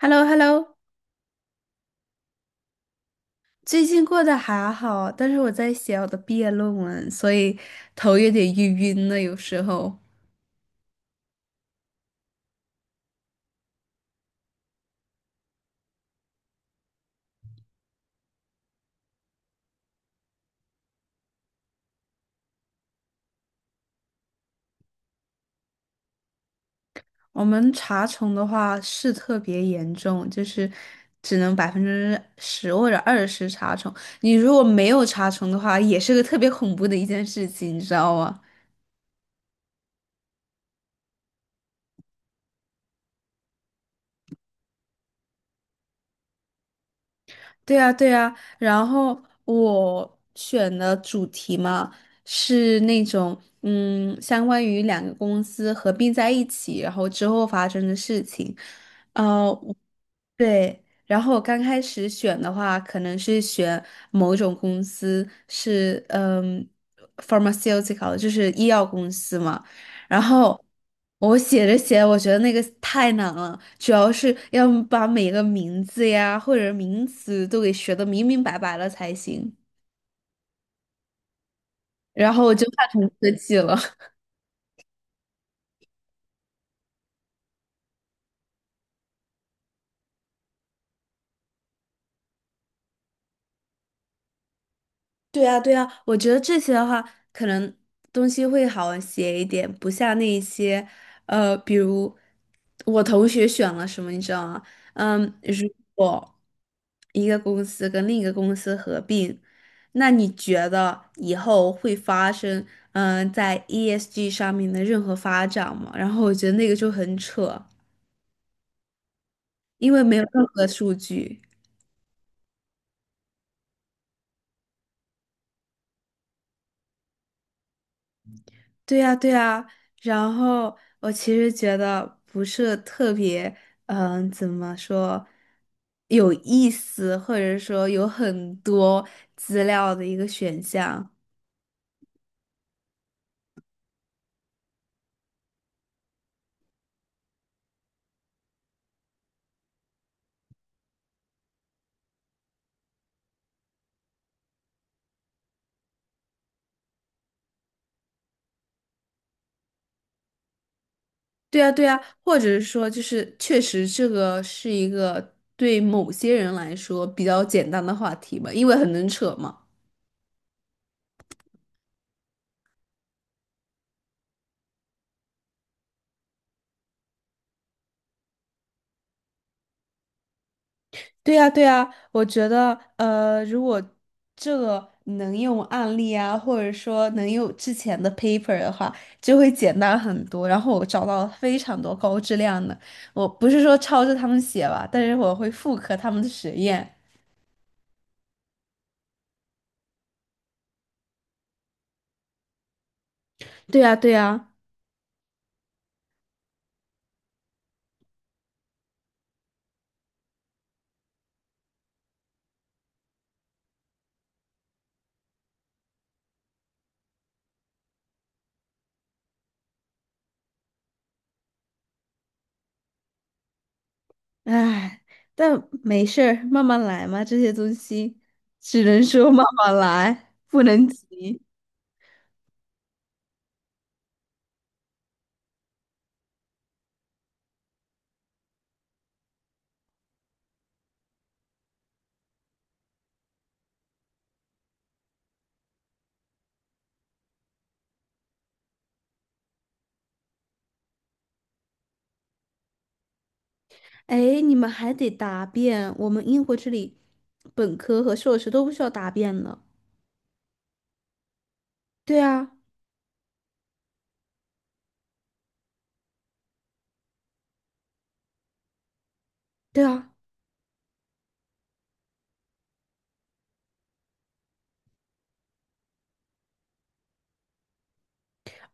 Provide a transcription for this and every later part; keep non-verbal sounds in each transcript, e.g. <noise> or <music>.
h e l l o h e l l o 最近过得还好，但是我在写我的毕业论文，所以头有点晕晕的。有时候我们查重的话是特别严重，就是只能10%或者20查重。你如果没有查重的话，也是个特别恐怖的一件事情，你知道吗？对呀，对呀，然后我选的主题嘛，是那种相关于两个公司合并在一起，然后之后发生的事情。呃，对，然后我刚开始选的话，可能是选某种公司是pharmaceutical，就是医药公司嘛。然后我写着写，我觉得那个太难了，主要是要把每个名字呀或者名词都给学的明明白白了才行。然后我就怕成科技了。对啊，对啊，我觉得这些的话，可能东西会好写一点，不像那一些，比如我同学选了什么，你知道吗？如果一个公司跟另一个公司合并，那你觉得以后会发生，在 ESG 上面的任何发展吗？然后我觉得那个就很扯，因为没有任何数据。对呀，对呀，然后我其实觉得不是特别，怎么说，有意思，或者说有很多资料的一个选项。对呀，对呀，或者是说，就是确实这个是一个对某些人来说比较简单的话题吧，因为很能扯嘛。对呀，对呀，我觉得，如果这个能用案例啊，或者说能用之前的 paper 的话，就会简单很多。然后我找到了非常多高质量的，我不是说抄着他们写吧，但是我会复刻他们的实验。对呀，对呀，唉，但没事儿，慢慢来嘛，这些东西只能说慢慢来，不能急。哎，你们还得答辩，我们英国这里本科和硕士都不需要答辩呢。对啊，对啊，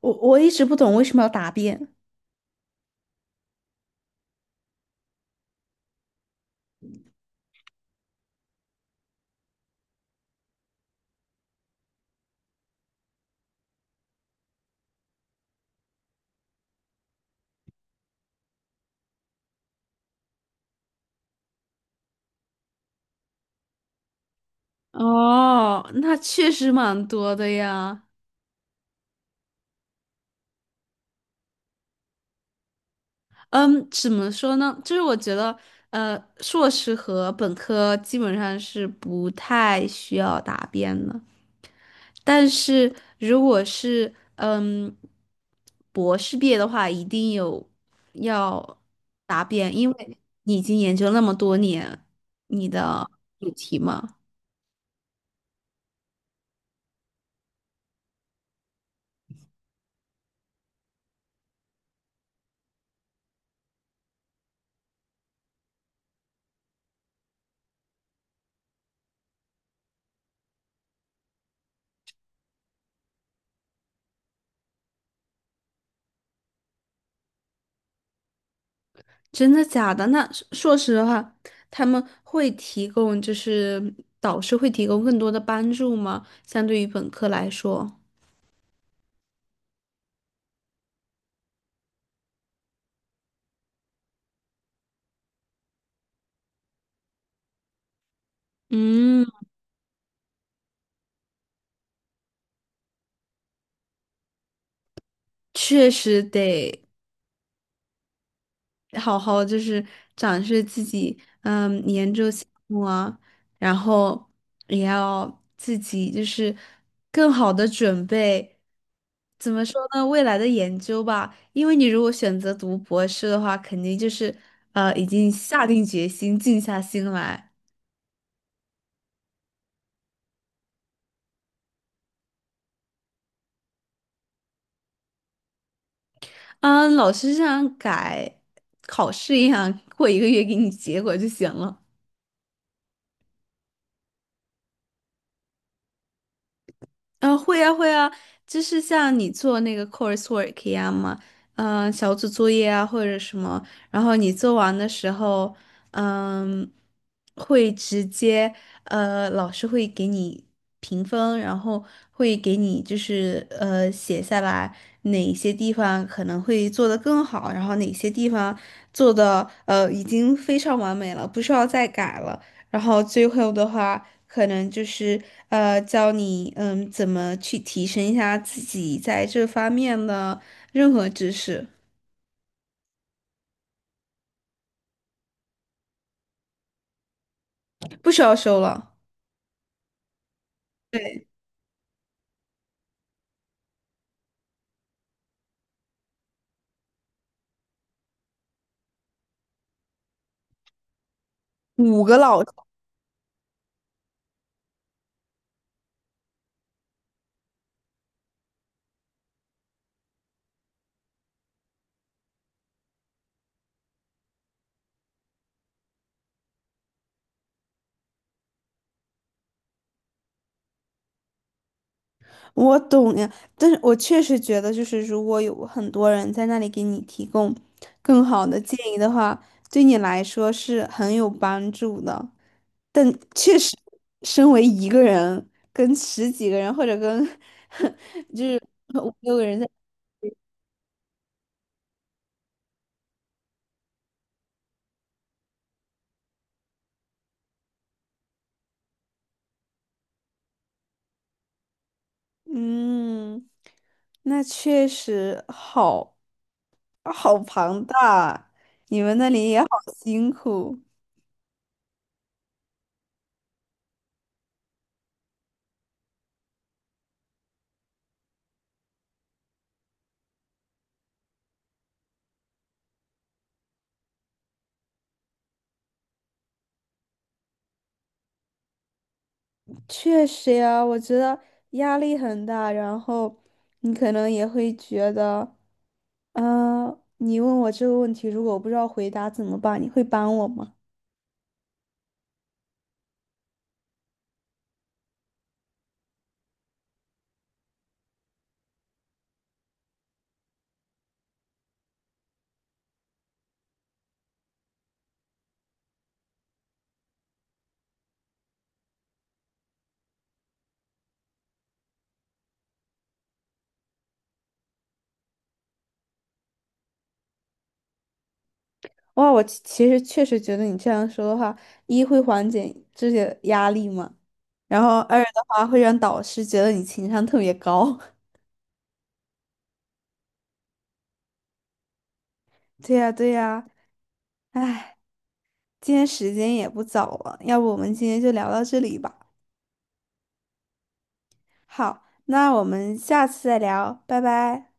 我一直不懂为什么要答辩。哦，那确实蛮多的呀。嗯，怎么说呢？就是我觉得，硕士和本科基本上是不太需要答辩的。但是如果是博士毕业的话，一定有要答辩，因为你已经研究那么多年你的主题嘛。真的假的？那说说实话，他们会提供，就是导师会提供更多的帮助吗？相对于本科来说，嗯，确实得好好就是展示自己，研究项目啊，然后也要自己就是更好的准备。怎么说呢？未来的研究吧，因为你如果选择读博士的话，肯定就是已经下定决心，静下心来。嗯，老师这样改考试一样，过一个月给你结果就行了。会呀，会呀，就是像你做那个 coursework 一样嘛，小组作业啊或者什么，然后你做完的时候，嗯、会直接老师会给你评分，然后会给你就是写下来哪些地方可能会做得更好，然后哪些地方做的已经非常完美了，不需要再改了。然后最后的话，可能就是教你怎么去提升一下自己在这方面的任何知识，不需要收了。五个老师我懂呀，但是我确实觉得，就是如果有很多人在那里给你提供更好的建议的话，对你来说是很有帮助的。但确实，身为一个人跟十几个人或者跟 <laughs> 就是五六个人在。嗯，那确实好，好庞大，你们那里也好辛苦。确实呀，我觉得压力很大，然后你可能也会觉得，嗯、你问我这个问题，如果我不知道回答怎么办，你会帮我吗？哇，我其实确实觉得你这样说的话，一会缓解这些压力嘛，然后二的话会让导师觉得你情商特别高。<laughs> 对呀，对呀。唉，今天时间也不早了，要不我们今天就聊到这里吧。好，那我们下次再聊，拜拜。